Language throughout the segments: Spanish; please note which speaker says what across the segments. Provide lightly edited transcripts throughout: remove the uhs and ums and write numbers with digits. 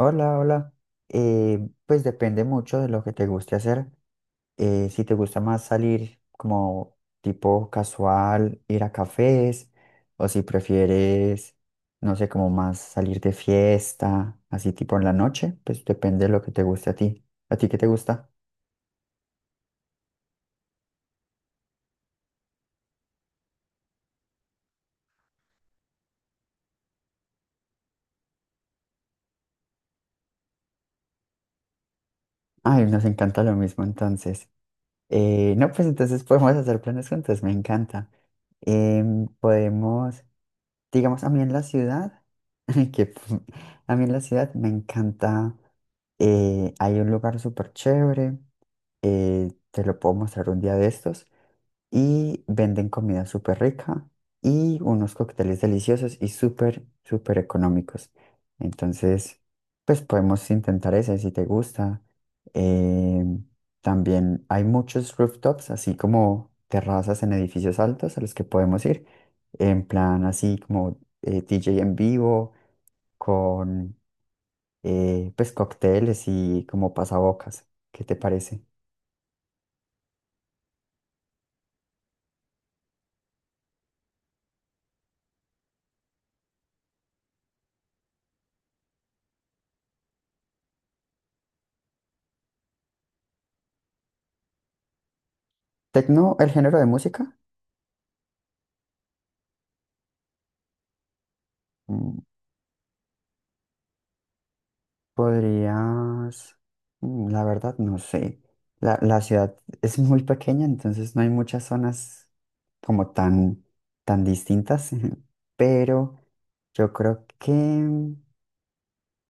Speaker 1: Hola, hola. Pues depende mucho de lo que te guste hacer. Si te gusta más salir como tipo casual, ir a cafés, o si prefieres, no sé, como más salir de fiesta, así tipo en la noche, pues depende de lo que te guste a ti. ¿A ti qué te gusta? Ay, nos encanta lo mismo entonces. No, pues entonces podemos hacer planes juntos, me encanta. Podemos... Digamos, a mí en la ciudad, que pu- a mí en la ciudad me encanta, hay un lugar súper chévere, te lo puedo mostrar un día de estos, y venden comida súper rica y unos cócteles deliciosos y súper, súper económicos. Entonces, pues podemos intentar ese si te gusta. Eh, También hay muchos rooftops, así como terrazas en edificios altos a los que podemos ir, en plan así como DJ en vivo, con pues cócteles y como pasabocas. ¿Qué te parece? ¿Tecno, el género de música? mm, Podrías, la verdad, no sé. La ciudad es muy pequeña, entonces no hay muchas zonas como tan, tan distintas, pero yo creo que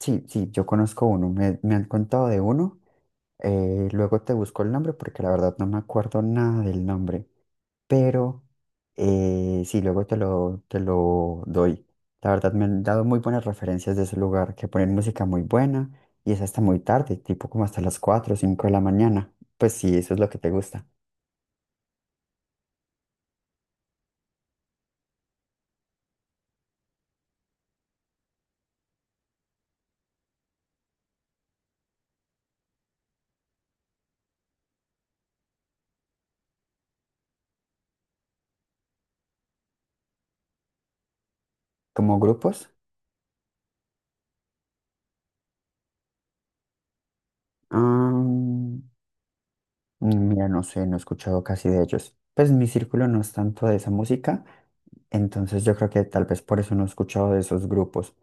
Speaker 1: sí, sí, yo conozco uno, me han contado de uno, luego te busco el nombre porque la verdad no me acuerdo nada del nombre, pero sí, luego te lo doy. La verdad me han dado muy buenas referencias de ese lugar, que ponen música muy buena y es hasta muy tarde, tipo como hasta las 4 o 5 de la mañana. Pues sí, eso es lo que te gusta. ¿Como grupos? Am, Mira, no sé, no he escuchado casi de ellos. Pues mi círculo no es tanto de esa música, entonces yo creo que tal vez por eso no he escuchado de esos grupos.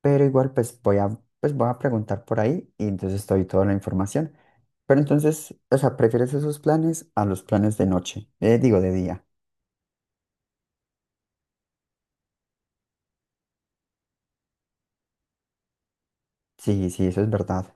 Speaker 1: Pero igual pues voy a preguntar por ahí y entonces te doy toda la información. Pero entonces, o sea, prefieres esos planes a los planes de noche, digo de día. Sí, sí, eso es verdad.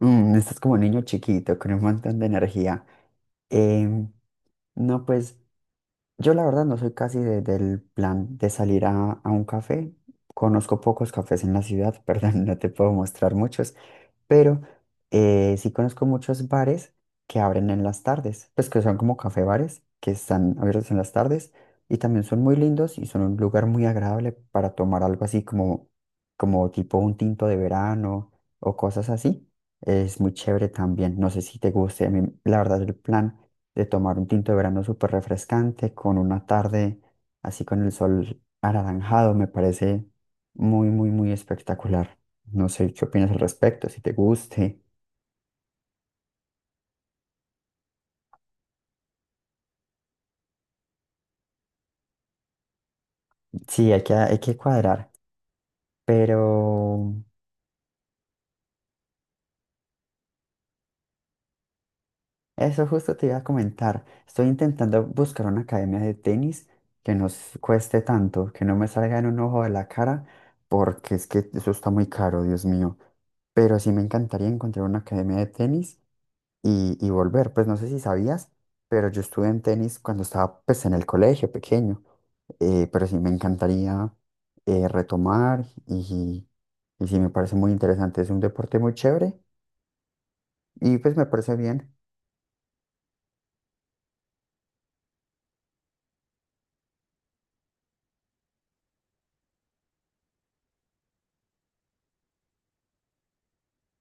Speaker 1: Mm, estás como niño chiquito, con un montón de energía. Em, no, pues yo la verdad no soy casi del plan de salir a, un café. Conozco pocos cafés en la ciudad, perdón, no te puedo mostrar muchos. Pero sí conozco muchos bares que abren en las tardes, pues que son como café bares que están abiertos en las tardes y también son muy lindos y son un lugar muy agradable para tomar algo así como, como tipo un tinto de verano o cosas así. Es muy chévere también, no sé si te guste, a mí la verdad el plan de tomar un tinto de verano súper refrescante con una tarde así con el sol anaranjado me parece muy, muy, muy espectacular. No sé qué opinas al respecto, si te guste. Sí, hay que cuadrar, pero eso justo te iba a comentar. Estoy intentando buscar una academia de tenis que no cueste tanto, que no me salga en un ojo de la cara, porque es que eso está muy caro, Dios mío. Pero sí me encantaría encontrar una academia de tenis y volver. Pues no sé si sabías, pero yo estuve en tenis cuando estaba pues en el colegio pequeño, pero sí me encantaría retomar y sí me parece muy interesante, es un deporte muy chévere y pues me parece bien.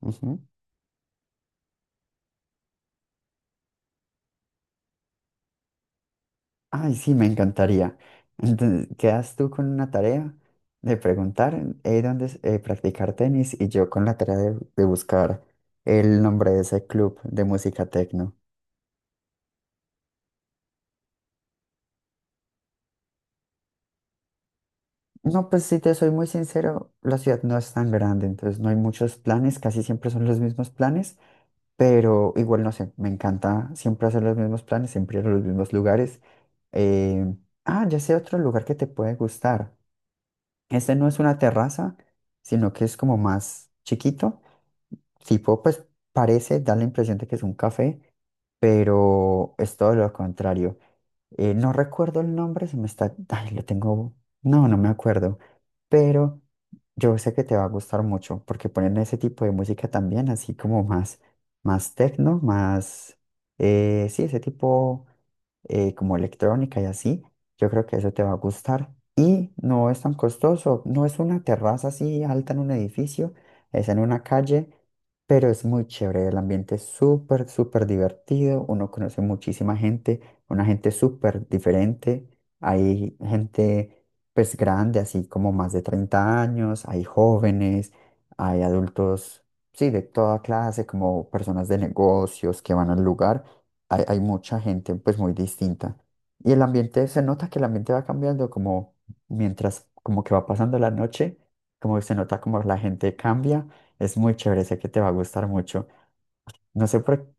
Speaker 1: Ujú. Ay, sí, me encantaría. Entonces, quedas tú con una tarea de preguntar dónde es, practicar tenis y yo con la tarea de buscar el nombre de ese club de música tecno. No, pues si te soy muy sincero, la ciudad no es tan grande, entonces no hay muchos planes, casi siempre son los mismos planes, pero igual no sé, me encanta siempre hacer los mismos planes, siempre ir a los mismos lugares. Eh, ah, ya sé otro lugar que te puede gustar. Este no es una terraza, sino que es como más chiquito, tipo, pues parece, da la impresión de que es un café, pero es todo lo contrario. No recuerdo el nombre, se me está... Ay, lo tengo... No, no me acuerdo. Pero yo sé que te va a gustar mucho porque ponen ese tipo de música también, así como más, más techno, más... sí, ese tipo como electrónica y así. Yo creo que eso te va a gustar. Y no es tan costoso. No es una terraza así alta en un edificio, es en una calle, pero es muy chévere. El ambiente es súper, súper divertido. Uno conoce muchísima gente, una gente súper diferente. Hay gente pues grande, así como más de 30 años, hay jóvenes, hay adultos, sí, de toda clase, como personas de negocios que van al lugar. Hay mucha gente pues muy distinta. Y el ambiente, se nota que el ambiente va cambiando como mientras como que va pasando la noche, como se nota como la gente cambia. Es muy chévere, sé que te va a gustar mucho. No sé por qué.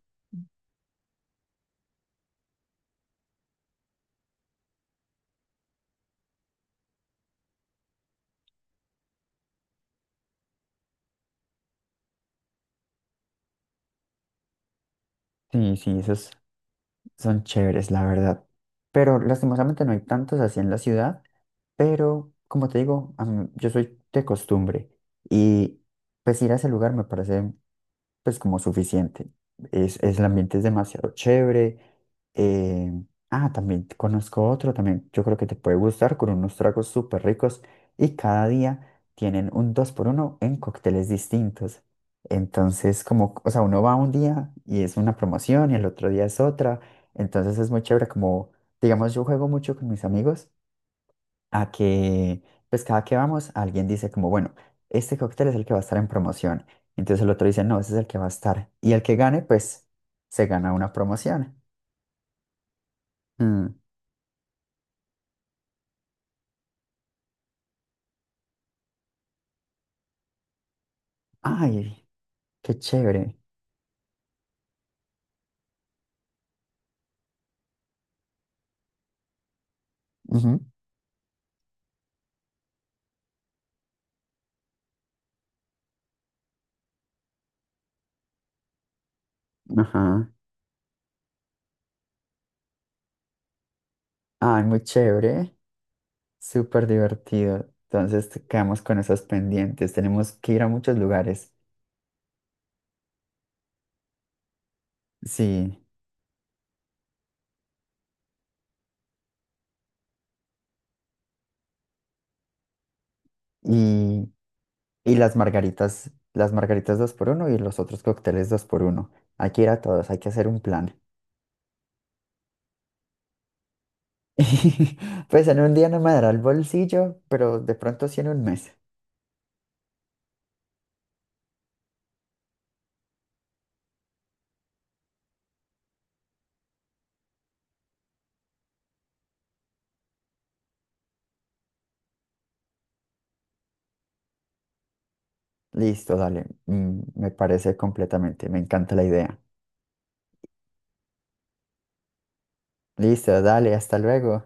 Speaker 1: Sí, sí, eso es Son chéveres, la verdad. Pero lastimosamente no hay tantos así en la ciudad. Pero como te digo, yo soy de costumbre. Y pues ir a ese lugar me parece pues como suficiente. El ambiente es demasiado chévere. eh, ah, también te conozco otro, también yo creo que te puede gustar, con unos tragos súper ricos y cada día tienen un 2 por uno en cócteles distintos. Entonces, como, o sea, uno va un día y es una promoción y el otro día es otra. Entonces es muy chévere, como, digamos, yo juego mucho con mis amigos a que, pues cada que vamos, alguien dice como, bueno, este cóctel es el que va a estar en promoción. Entonces el otro dice, no, ese es el que va a estar. Y el que gane, pues se gana una promoción. Mm, Ay, qué chévere. Ujú. Ajá. Ay, muy chévere. Súper divertido. Entonces quedamos con esos pendientes. Tenemos que ir a muchos lugares. Sí. Y, y las margaritas dos por uno y los otros cócteles dos por uno. Hay que ir a todos, hay que hacer un plan. Pues en un día no me dará el bolsillo, pero de pronto sí en un mes. Listo, dale. Me parece completamente. Me encanta la idea. Listo, dale, hasta luego.